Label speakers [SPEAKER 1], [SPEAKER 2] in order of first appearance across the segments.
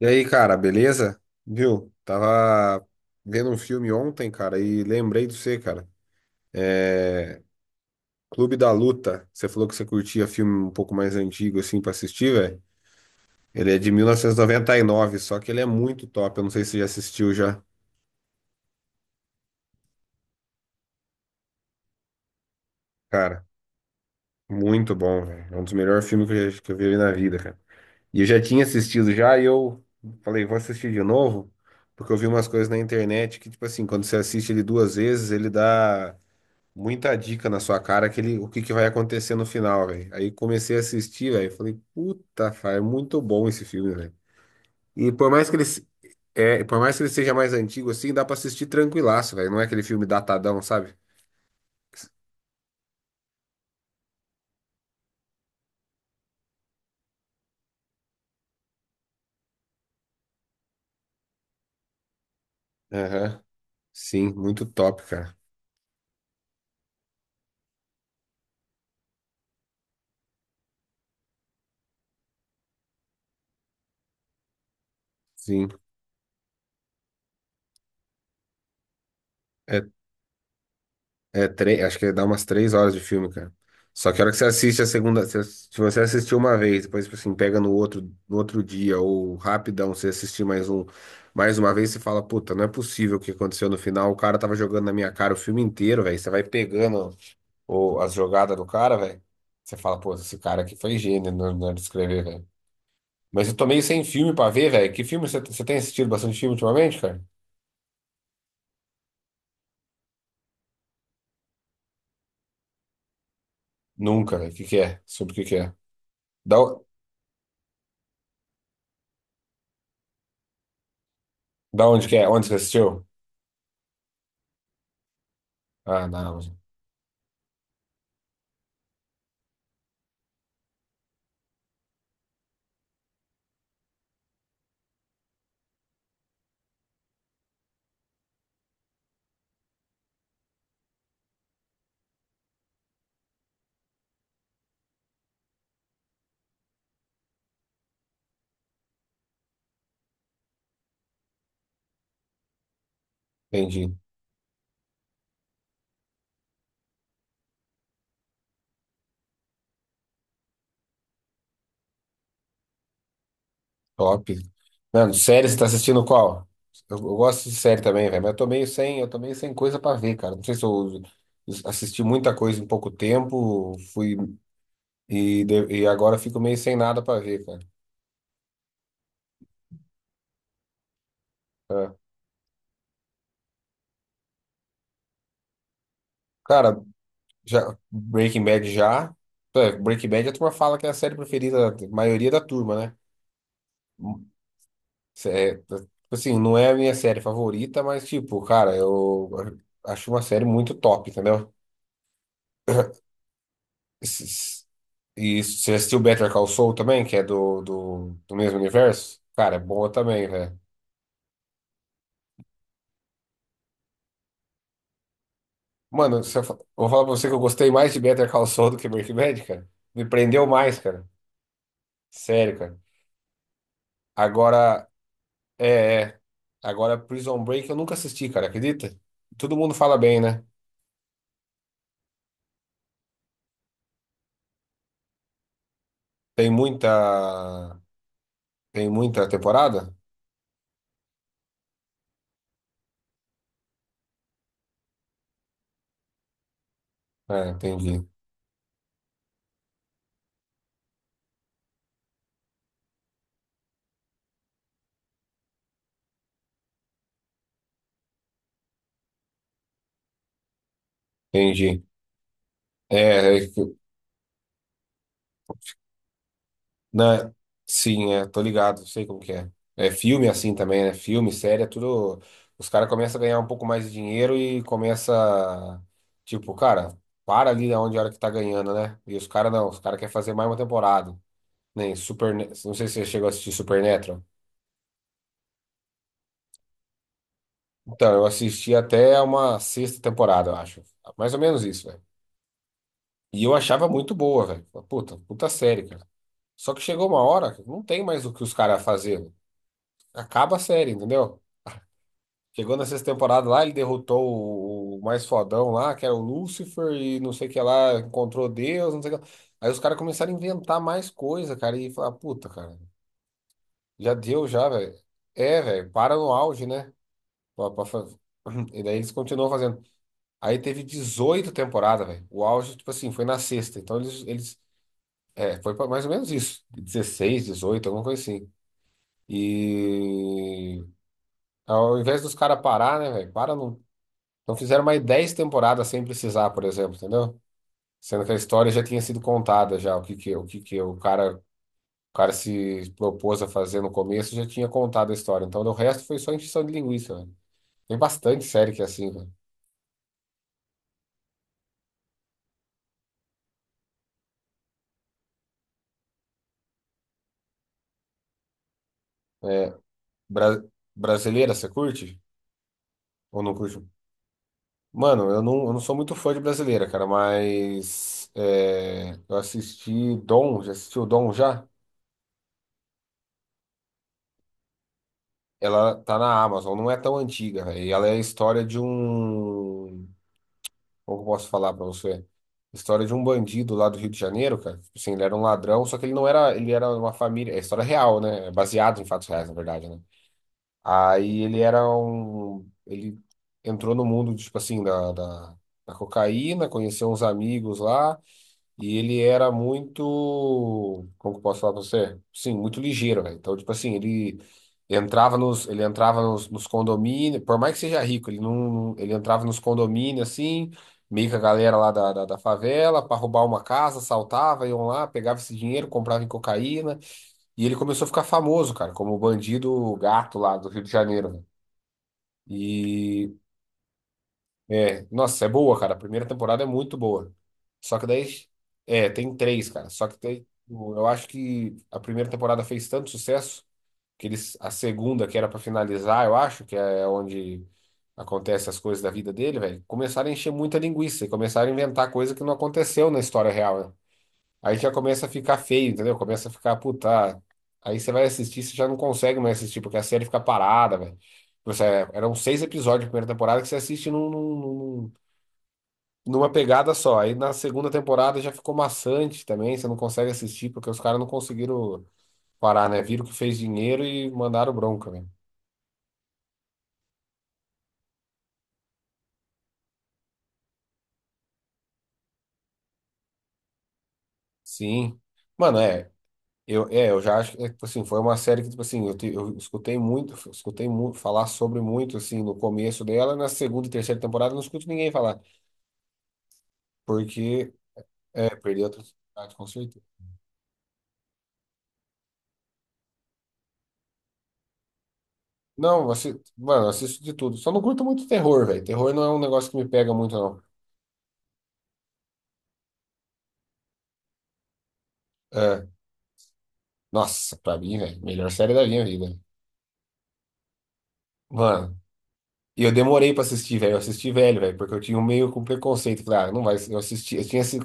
[SPEAKER 1] E aí, cara, beleza? Viu? Tava vendo um filme ontem, cara, e lembrei de você, cara. É... Clube da Luta. Você falou que você curtia filme um pouco mais antigo, assim, pra assistir, velho. Ele é de mil novecentos e noventa e nove, só que ele é muito top. Eu não sei se você já assistiu já. Cara, muito bom, velho. É um dos melhores filmes que eu vi na vida, cara. E eu já tinha assistido já, e eu falei, vou assistir de novo, porque eu vi umas coisas na internet que, tipo assim, quando você assiste ele duas vezes, ele dá muita dica na sua cara que ele, o que que vai acontecer no final, velho. Aí comecei a assistir, velho, falei, puta, cara, é muito bom esse filme, velho. E por mais que ele, se- é, por mais que ele seja mais antigo assim, dá pra assistir tranquilaço, velho. Não é aquele filme datadão, sabe? Aham. Sim, muito top, cara. Sim. É acho que dá umas 3 horas de filme, cara. Só que a hora que você assiste a segunda, se você assistiu uma vez, depois, tipo assim, pega no outro dia, ou rapidão, você assistir mais um, mais uma vez, você fala, puta, não é possível o que aconteceu no final, o cara tava jogando na minha cara o filme inteiro, velho. Você vai pegando as jogadas do cara, velho. Você fala, pô, esse cara aqui foi gênio na hora de escrever, velho. Mas eu tô meio sem filme pra ver, velho. Que filme você você tem assistido bastante filme ultimamente, cara? Nunca, velho. O que que é? Sobre o que que é? Da, o- da onde que é? Onde você assistiu? Ah, não. Entendi. Top. Mano, série, você tá assistindo qual? Eu gosto de série também, velho, mas eu tô meio sem coisa pra ver, cara. Não sei se eu assisti muita coisa em pouco tempo, fui e agora fico meio sem nada pra ver, cara. É. Cara, já, Breaking Bad já. É, Breaking Bad a turma fala que é a série preferida da maioria da turma, né? É, tá, tipo assim, não é a minha série favorita, mas tipo, cara, eu acho uma série muito top, entendeu? Esses- E você assistiu Better Call Saul também, que é do mesmo universo? Cara, é boa também, velho. Mano, se eu, fa- eu vou falar pra você que eu gostei mais de Better Call Saul do que Breaking Bad, cara. Me prendeu mais, cara. Sério, cara. Agora, é, é. Agora, Prison Break eu nunca assisti, cara, acredita? Todo mundo fala bem, né? Tem muita. Tem muita temporada? É, entendi. Entendi. É, é. Na... Sim, é, tô ligado, sei como que é. É filme assim também, né? Filme, série, é tudo. Os caras começam a ganhar um pouco mais de dinheiro e começa, tipo, cara, para ali onde a hora que tá ganhando, né? E os caras não, os caras querem fazer mais uma temporada. Nem Super, não sei se você chegou a assistir Supernatural. Então, eu assisti até uma sexta temporada, eu acho. Mais ou menos isso, velho. E eu achava muito boa, velho. Puta, puta série, cara. Só que chegou uma hora, que não tem mais o que os caras fazer. Acaba a série, entendeu? Chegou na sexta temporada lá, ele derrotou o mais fodão lá, que era o Lúcifer, e não sei o que lá, encontrou Deus, não sei o que lá. Aí os caras começaram a inventar mais coisa, cara, e falar, puta, cara, já deu já, velho. É, velho, para no auge, né? Pra- pra fa- E daí eles continuam fazendo. Aí teve 18 temporadas, velho. O auge, tipo assim, foi na sexta. Então eles, foi pra mais ou menos isso. 16, 18, alguma coisa assim. E ao invés dos caras parar, né, velho? Para, não Não fizeram mais 10 temporadas sem precisar, por exemplo, entendeu? Sendo que a história já tinha sido contada já, o que que o cara se propôs a fazer no começo já tinha contado a história. Então, o resto foi só encheção de linguiça, velho. Tem bastante série que é assim, velho. É, bra- brasileira, você curte? Ou não curte? Mano, eu não sou muito fã de brasileira, cara, mas é, eu assisti Dom, já assistiu Dom já? Ela tá na Amazon, não é tão antiga, velho. E ela é a história de um. Como que eu posso falar pra você? História de um bandido lá do Rio de Janeiro, cara. Tipo assim, ele era um ladrão, só que ele não era. Ele era uma família. É história real, né? É baseado em fatos reais, na verdade, né? Aí ele era um. Ele entrou no mundo, tipo assim, da cocaína, conheceu uns amigos lá. E ele era muito, como que eu posso falar pra você? Sim, muito ligeiro, velho. Então, tipo assim, ele entrava nos condomínios, por mais que seja rico, ele não, ele entrava nos condomínios assim, meio que a galera lá da favela, pra roubar uma casa, saltava iam lá, pegava esse dinheiro, comprava em cocaína, e ele começou a ficar famoso, cara, como o bandido gato lá do Rio de Janeiro, né? e Nossa, é boa, cara. A primeira temporada é muito boa. Só que daí. É, tem três, cara. Só que tem. Eu acho que a primeira temporada fez tanto sucesso que eles, a segunda, que era pra finalizar, eu acho, que é onde acontece as coisas da vida dele, velho, começaram a encher muita linguiça e começaram a inventar coisa que não aconteceu na história real, né? Aí já começa a ficar feio, entendeu? Começa a ficar, puta. Aí você vai assistir, você já não consegue mais assistir, porque a série fica parada, velho. Tipo, eram seis episódios da primeira temporada que você assiste numa pegada só. Aí na segunda temporada já ficou maçante também, você não consegue assistir porque os caras não conseguiram parar, né? Viram que fez dinheiro e mandaram bronca, né? Sim. Mano, eu já acho que, tipo assim, foi uma série que, tipo assim, eu escutei muito, falar sobre muito, assim, no começo dela, na segunda e terceira temporada eu não escuto ninguém falar, porque, perdeu a oportunidade, com certeza. Não, assim, mano, eu assisto de tudo. Só não curto muito terror, velho. Terror não é um negócio que me pega muito, não. É, nossa, pra mim, velho, melhor série da minha vida. Mano, e eu demorei pra assistir, velho. Eu assisti velho, velho, porque eu tinha um meio com preconceito. Falei, ah, não vai. Eu assisti, eu tinha, assi-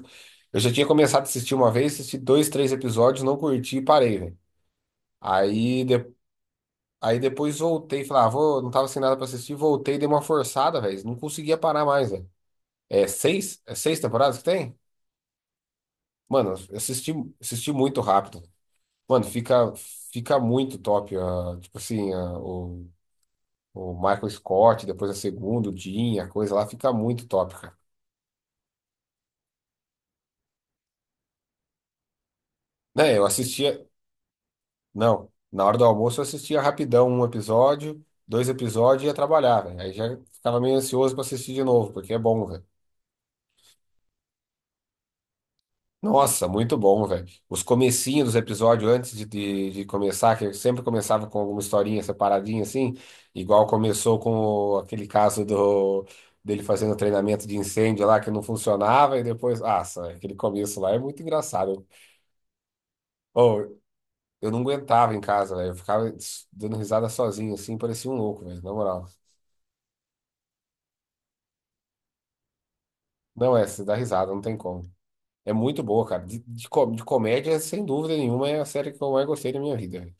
[SPEAKER 1] eu já tinha começado a assistir uma vez, assisti dois, três episódios, não curti e parei, velho. Aí, de- aí depois voltei, falei, ah, não tava sem nada pra assistir, voltei, dei uma forçada, velho. Não conseguia parar mais, velho. É seis? É seis temporadas que tem? Mano, eu assisti muito rápido. Mano, fica muito top, ah, tipo assim, ah, o Michael Scott, depois a segunda, o Jim, a coisa lá fica muito top, cara. Né, eu assistia. Não, na hora do almoço eu assistia rapidão um episódio, dois episódios e ia trabalhar, velho. Aí já ficava meio ansioso pra assistir de novo, porque é bom, velho. Nossa, muito bom, velho. Os comecinhos dos episódios antes de começar, que eu sempre começava com alguma historinha separadinha assim, igual começou com aquele caso do dele fazendo treinamento de incêndio lá que não funcionava e depois, ah, aquele começo lá é muito engraçado. Eu não aguentava em casa, velho. Eu ficava dando risada sozinho, assim, parecia um louco, velho, na moral. Não, você dá risada, não tem como. É muito boa, cara. De comédia, sem dúvida nenhuma, é a série que eu mais gostei da minha vida, velho.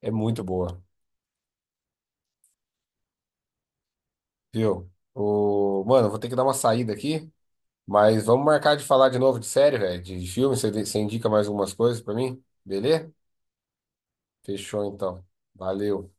[SPEAKER 1] É muito boa, viu? Mano, eu vou ter que dar uma saída aqui, mas vamos marcar de falar de novo de série, velho, de filme. Você indica mais algumas coisas pra mim? Beleza? Fechou, então. Valeu.